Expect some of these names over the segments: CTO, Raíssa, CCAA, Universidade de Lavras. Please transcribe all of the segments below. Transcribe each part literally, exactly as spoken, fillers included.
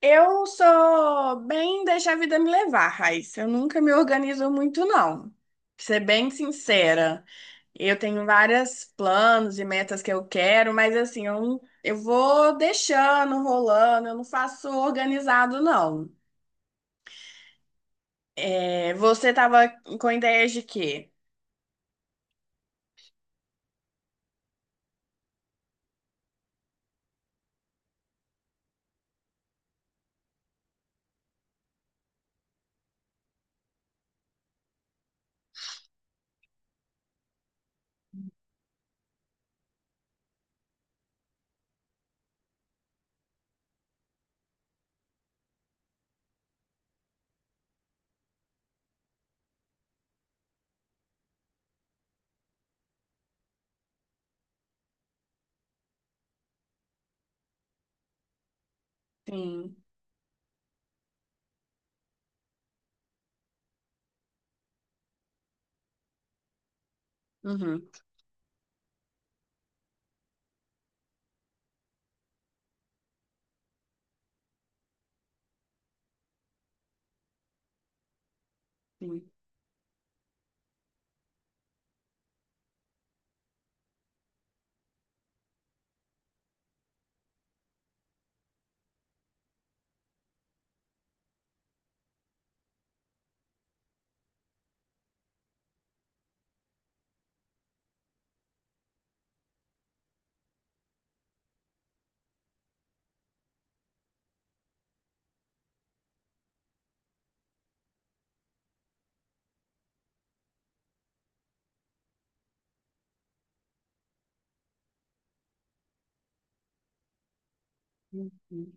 Eu sou bem deixar a vida me levar, Raíssa. Eu nunca me organizo muito, não. Pra ser bem sincera, eu tenho vários planos e metas que eu quero, mas assim, eu, não- eu vou deixando, rolando, eu não faço organizado, não. É, você tava com ideias de quê? Sim. Uhum. Sim. Uhum.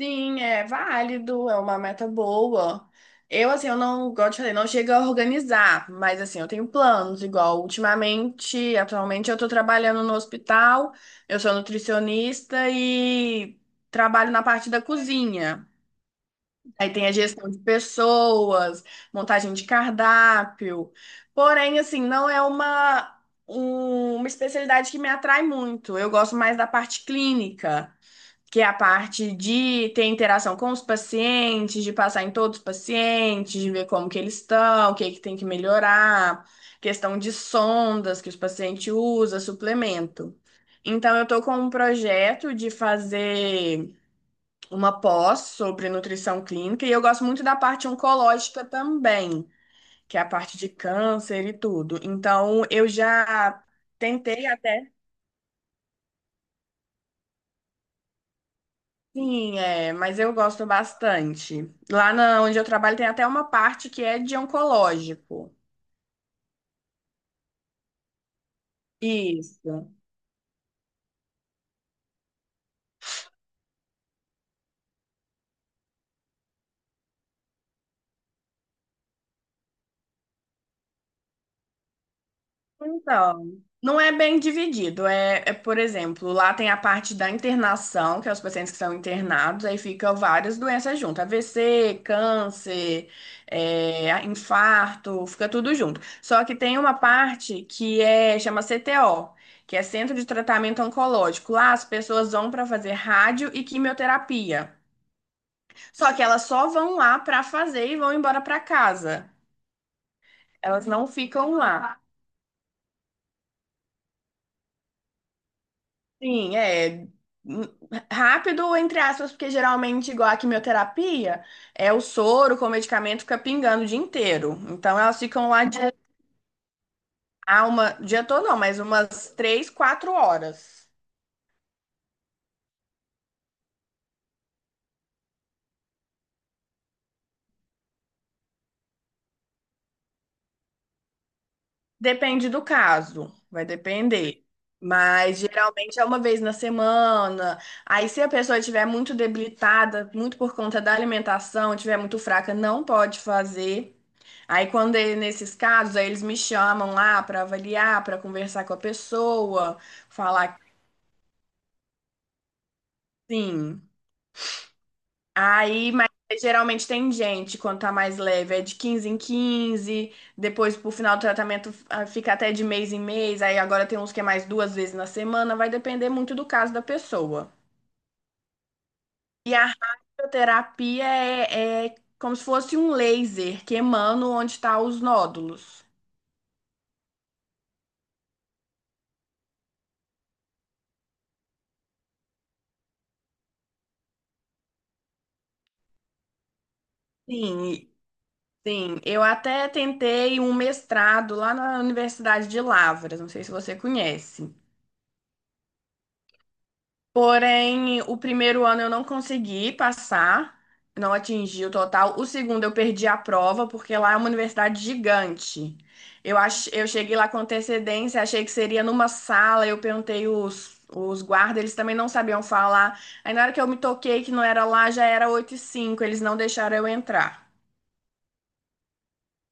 Sim, é válido, é uma meta boa. Eu, assim, eu não, igual eu te falei, não chego a organizar, mas, assim, eu tenho planos, igual ultimamente, atualmente eu tô trabalhando no hospital, eu sou nutricionista e trabalho na parte da cozinha. Aí tem a gestão de pessoas, montagem de cardápio. Porém, assim, não é uma, um- uma especialidade que me atrai muito. Eu gosto mais da parte clínica, que é a parte de ter interação com os pacientes, de passar em todos os pacientes, de ver como que eles estão, o que é que tem que melhorar, questão de sondas que os pacientes usam, suplemento. Então, eu estou com um projeto de fazer uma pós sobre nutrição clínica, e eu gosto muito da parte oncológica também, que é a parte de câncer e tudo. Então, eu já tentei até. Sim, é, mas eu gosto bastante. Lá na, onde eu trabalho tem até uma parte que é de oncológico. Isso. Então, não é bem dividido. É, é, por exemplo, lá tem a parte da internação, que é os pacientes que são internados, aí ficam várias doenças juntas, A V C, câncer, é, infarto, fica tudo junto. Só que tem uma parte que é chama C T O. Que é Centro de Tratamento Oncológico. Lá as pessoas vão para fazer rádio e quimioterapia. Só que elas só vão lá para fazer e vão embora para casa. Elas não ficam lá. Sim, é n- rápido, entre aspas, porque geralmente, igual a quimioterapia, é o soro com o medicamento fica pingando o dia inteiro. Então elas ficam lá de, ah, uma, dia todo não, mas umas três, quatro horas. Depende do caso, vai depender. Mas geralmente é uma vez na semana. Aí, se a pessoa estiver muito debilitada, muito por conta da alimentação, estiver muito fraca, não pode fazer. Aí, quando é nesses casos, aí eles me chamam lá para avaliar, para conversar com a pessoa, falar que sim. Aí, mas geralmente tem gente, quando tá mais leve, é de quinze em quinze, depois pro final do tratamento, ah, fica até de mês em mês, aí agora tem uns que é mais duas vezes na semana, vai depender muito do caso da pessoa. E a radioterapia é, é como se fosse um laser queimando onde estão os nódulos. Sim, sim. Eu até tentei um mestrado lá na Universidade de Lavras, não sei se você conhece. Porém, o primeiro ano eu não consegui passar, não atingi o total. O segundo eu perdi a prova, porque lá é uma universidade gigante. Eu, ach... eu cheguei lá com antecedência, achei que seria numa sala, eu perguntei os, os guardas, eles também não sabiam falar. Aí na hora que eu me toquei que não era lá, já era oito e cinco, eles não deixaram eu entrar.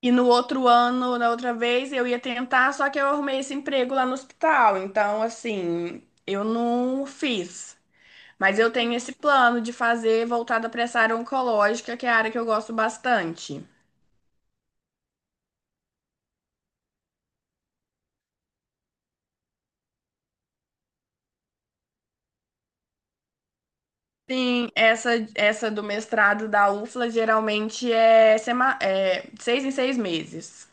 E no outro ano, na outra vez, eu ia tentar, só que eu arrumei esse emprego lá no hospital. Então, assim, eu não fiz. Mas eu tenho esse plano de fazer voltada para essa área oncológica, que é a área que eu gosto bastante. Sim, essa, essa do mestrado da UFLA geralmente é, sema, é seis em seis meses,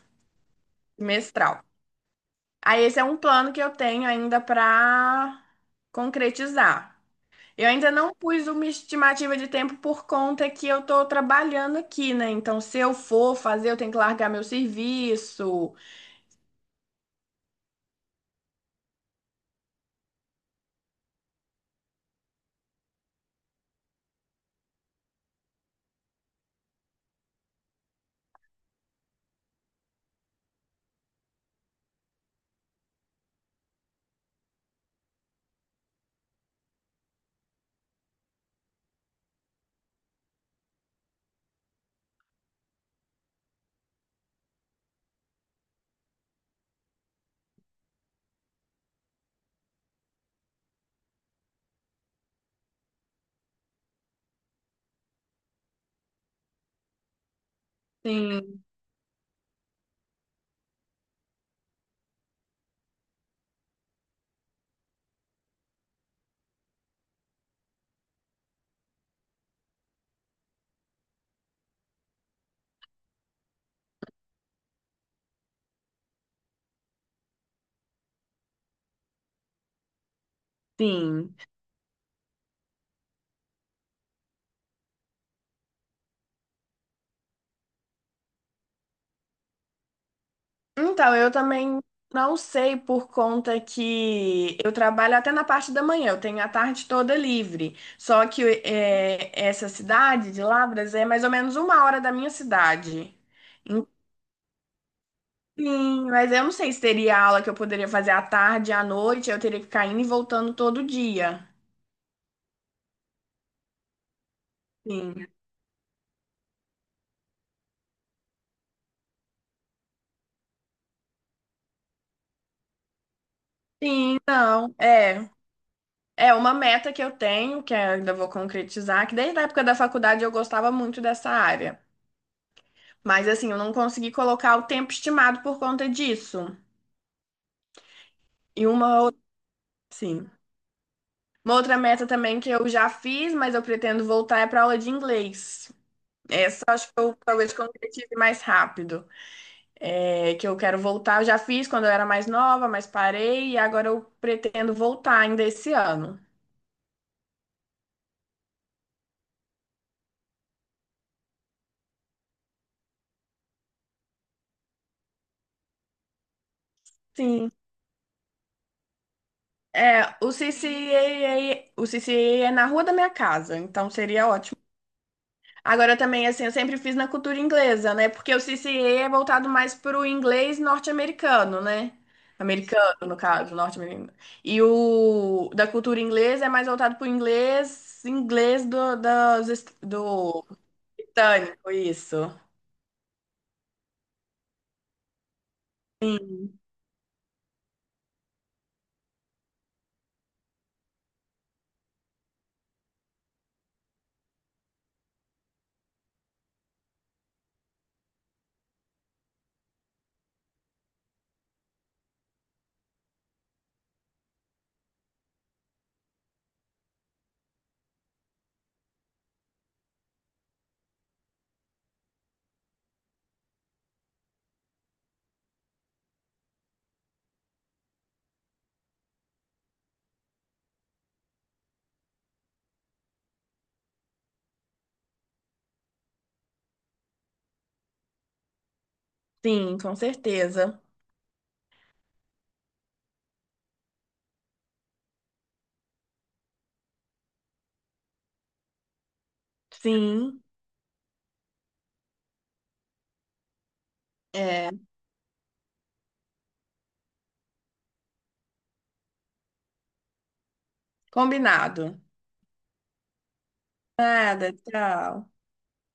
mestral. Aí esse é um plano que eu tenho ainda para concretizar. Eu ainda não pus uma estimativa de tempo por conta que eu estou trabalhando aqui, né? Então, se eu for fazer, eu tenho que largar meu serviço. Sim, sim. Então, eu também não sei por conta que eu trabalho até na parte da manhã, eu tenho a tarde toda livre. Só que é, essa cidade de Lavras é mais ou menos uma hora da minha cidade. Enfim, mas eu não sei se teria aula que eu poderia fazer à tarde, à noite, eu teria que ficar indo e voltando todo dia. Sim. Sim, não, é. É uma meta que eu tenho, que eu ainda vou concretizar, que desde a época da faculdade eu gostava muito dessa área. Mas assim, eu não consegui colocar o tempo estimado por conta disso. E uma outra, sim. Uma outra meta também que eu já fiz, mas eu pretendo voltar é para aula de inglês. Essa eu acho que eu talvez concretize mais rápido. É, que eu quero voltar, eu já fiz quando eu era mais nova, mas parei e agora eu pretendo voltar ainda esse ano. Sim. É, o C C A A, o C C A A é na rua da minha casa, então seria ótimo. Agora também, assim, eu sempre fiz na cultura inglesa, né? Porque o C C A é voltado mais para o inglês norte-americano, né? Americano, no caso, norte-americano. E o da cultura inglesa é mais voltado para o inglês, inglês do, das est- do britânico, isso. Sim, sim, com certeza. Sim, é. Combinado. Nada, tchau.